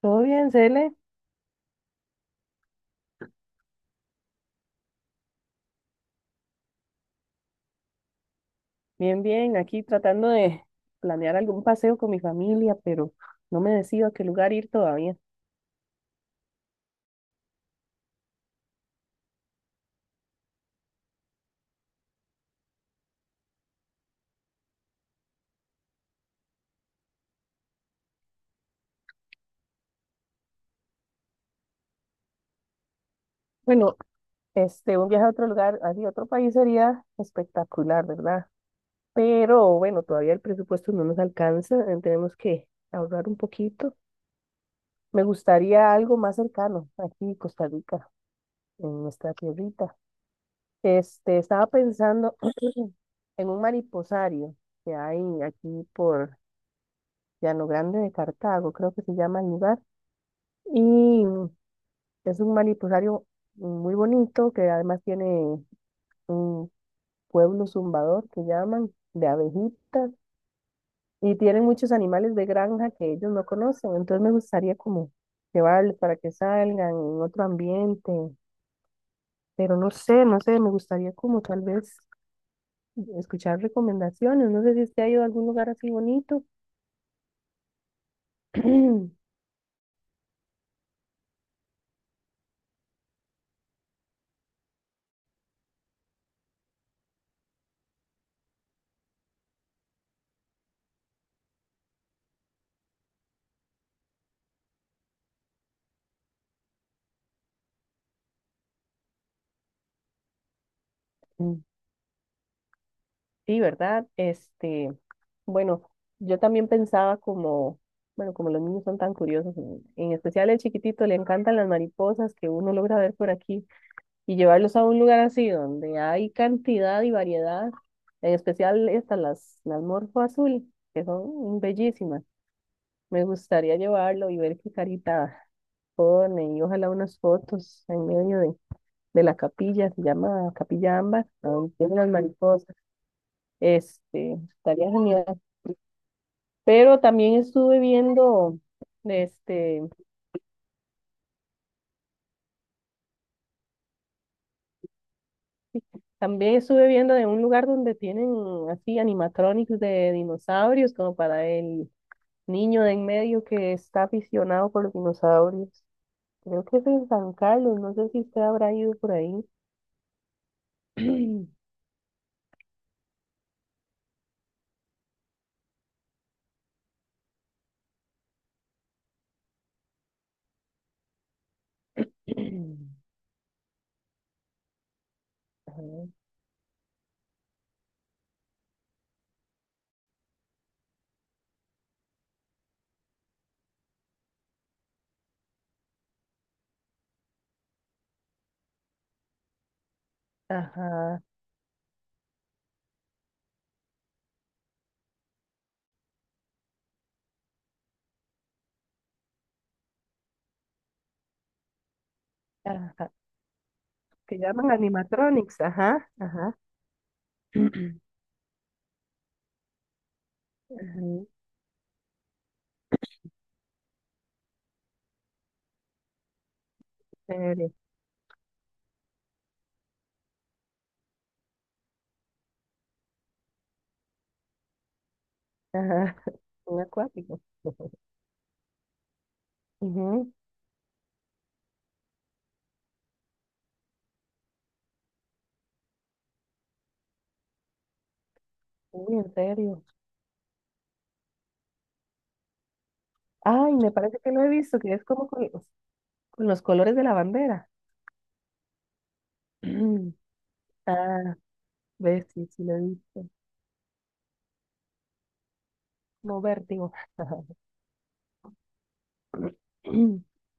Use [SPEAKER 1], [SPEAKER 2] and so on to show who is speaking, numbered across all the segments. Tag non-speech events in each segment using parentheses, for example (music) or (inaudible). [SPEAKER 1] Todo bien, Cele, bien, aquí tratando de planear algún paseo con mi familia, pero no me decido a qué lugar ir todavía. Bueno, un viaje a otro lugar, así a otro país sería espectacular, ¿verdad? Pero bueno, todavía el presupuesto no nos alcanza, tenemos que ahorrar un poquito. Me gustaría algo más cercano, aquí Costa Rica, en nuestra tierrita. Estaba pensando (clears throat) en un mariposario que hay aquí por Llano Grande de Cartago, creo que se llama el lugar. Y es un manipusario muy bonito que además tiene un pueblo zumbador que llaman de abejitas y tienen muchos animales de granja que ellos no conocen. Entonces me gustaría como llevarles para que salgan en otro ambiente, pero no sé, me gustaría como tal vez escuchar recomendaciones. No sé si usted ha ido a algún lugar así bonito. (clears throat) Sí, ¿verdad? Bueno, yo también pensaba como, bueno, como los niños son tan curiosos, en especial el chiquitito, le encantan las mariposas que uno logra ver por aquí y llevarlos a un lugar así donde hay cantidad y variedad, en especial estas, las morfo azul, que son bellísimas. Me gustaría llevarlo y ver qué carita pone y ojalá unas fotos en medio de la capilla, se llama Capilla Ámbar, donde tienen las mariposas. Estaría genial. Pero también estuve viendo, este, también estuve viendo de un lugar donde tienen así animatronics de dinosaurios, como para el niño de en medio que está aficionado por los dinosaurios. Creo que es en San Carlos, no sé si usted habrá ido por ahí. (clears throat) Ajá, ajá, que llaman animatronics, ajá, ajá. (clears throat) Ajá, en serio, ajá, (laughs) un acuático. (laughs) Ujú, uy, en serio. Ay, me parece que lo he visto, que es como con los colores de la bandera. (clears throat) Ah, ves, sí, sí lo he visto. Como vértigo. (clears throat)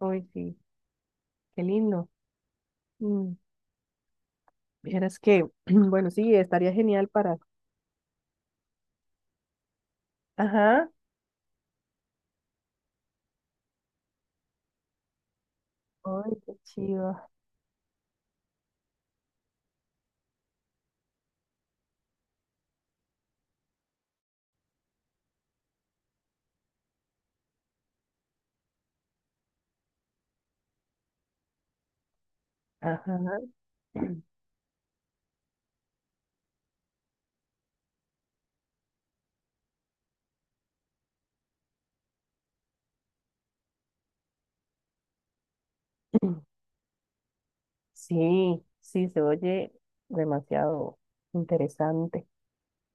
[SPEAKER 1] Uy, sí, qué lindo. Mm, vieras que, (clears throat) bueno, sí, estaría genial para. Ajá. Ay, qué chido. Ajá. (clears throat) Sí, sí, se oye demasiado interesante.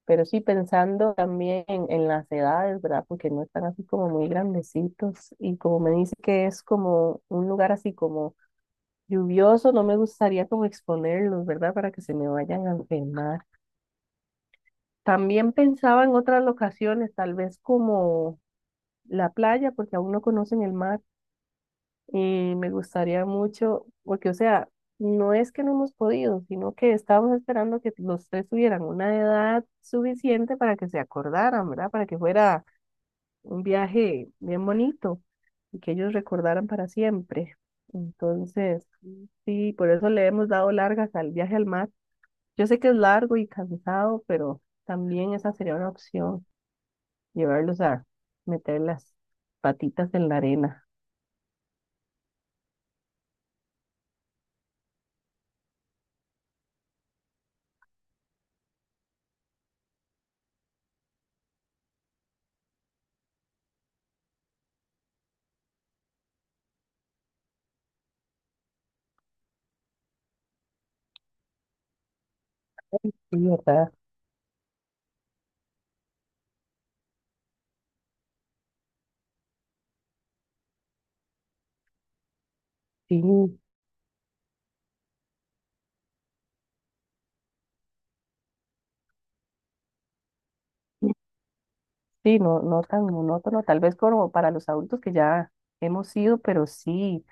[SPEAKER 1] Pero sí pensando también en las edades, ¿verdad? Porque no están así como muy grandecitos. Y como me dice que es como un lugar así como lluvioso, no me gustaría como exponerlos, ¿verdad? Para que se me vayan a enfermar. También pensaba en otras locaciones, tal vez como la playa, porque aún no conocen el mar. Y me gustaría mucho, porque o sea, no es que no hemos podido, sino que estábamos esperando que los tres tuvieran una edad suficiente para que se acordaran, ¿verdad? Para que fuera un viaje bien bonito y que ellos recordaran para siempre. Entonces, sí, por eso le hemos dado largas al viaje al mar. Yo sé que es largo y cansado, pero también esa sería una opción, llevarlos a meter las patitas en la arena. Sí, ¿verdad? Sí, sí, no, no tan monótono, tal vez como para los adultos que ya hemos ido, pero sí,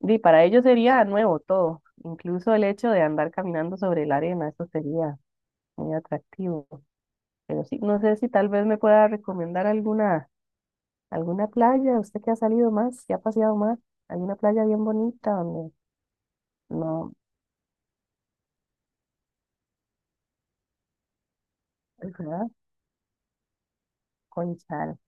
[SPEAKER 1] y para ellos sería nuevo todo, incluso el hecho de andar caminando sobre la arena, eso sería muy atractivo. Pero sí, no sé si tal vez me pueda recomendar alguna, alguna playa, usted que ha salido más, que ha paseado más, alguna playa bien bonita donde no, ¿verdad? Conchal.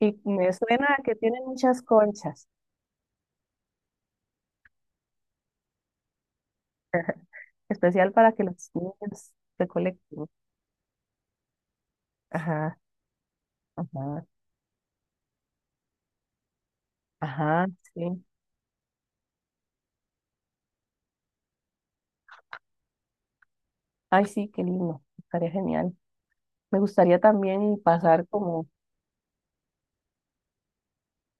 [SPEAKER 1] Y me suena que tienen muchas conchas, especial para que los niños recolecten. Ajá, ajá, ajá, sí. Ay, sí, qué lindo, estaría genial. Me gustaría también pasar como,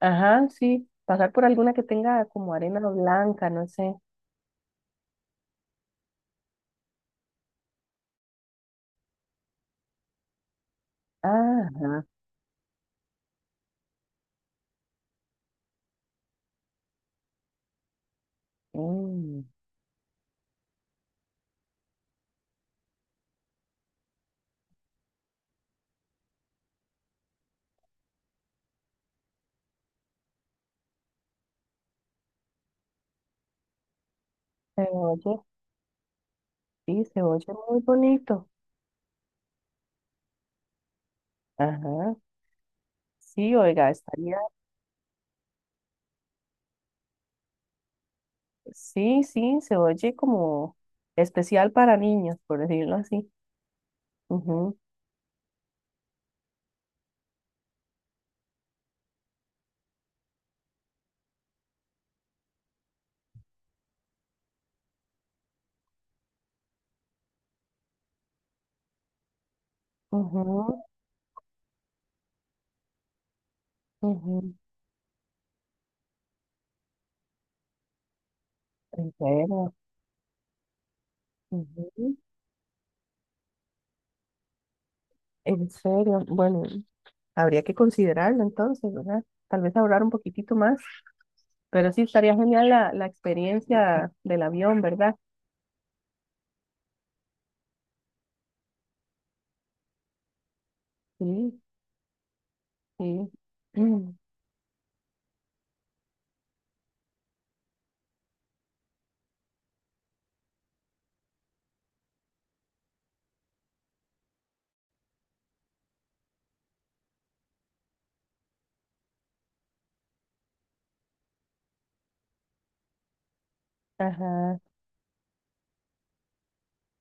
[SPEAKER 1] ajá, sí, pasar por alguna que tenga como arena blanca, no sé. Ah, ajá, mm, se oye, sí, se oye muy bonito. Ajá. Sí, oiga, estaría, sí, sí, se oye como especial para niños, por decirlo así. Ujú, ujú, ujú, en serio, ujú, en serio, bueno, habría que considerarlo entonces, ¿verdad? Tal vez ahorrar un poquitito más, pero sí estaría genial la experiencia del avión, ¿verdad? Sí, sí. (clears throat) Mm, ajá.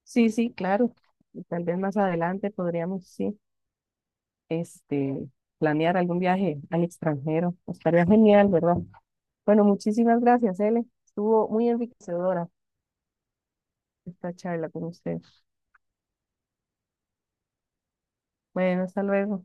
[SPEAKER 1] Sí, sí, claro. Y tal vez más adelante podríamos, sí, este, planear algún viaje al extranjero. Estaría genial, ¿verdad? Bueno, muchísimas gracias, Ele. Estuvo muy enriquecedora esta charla con usted. Bueno, hasta luego.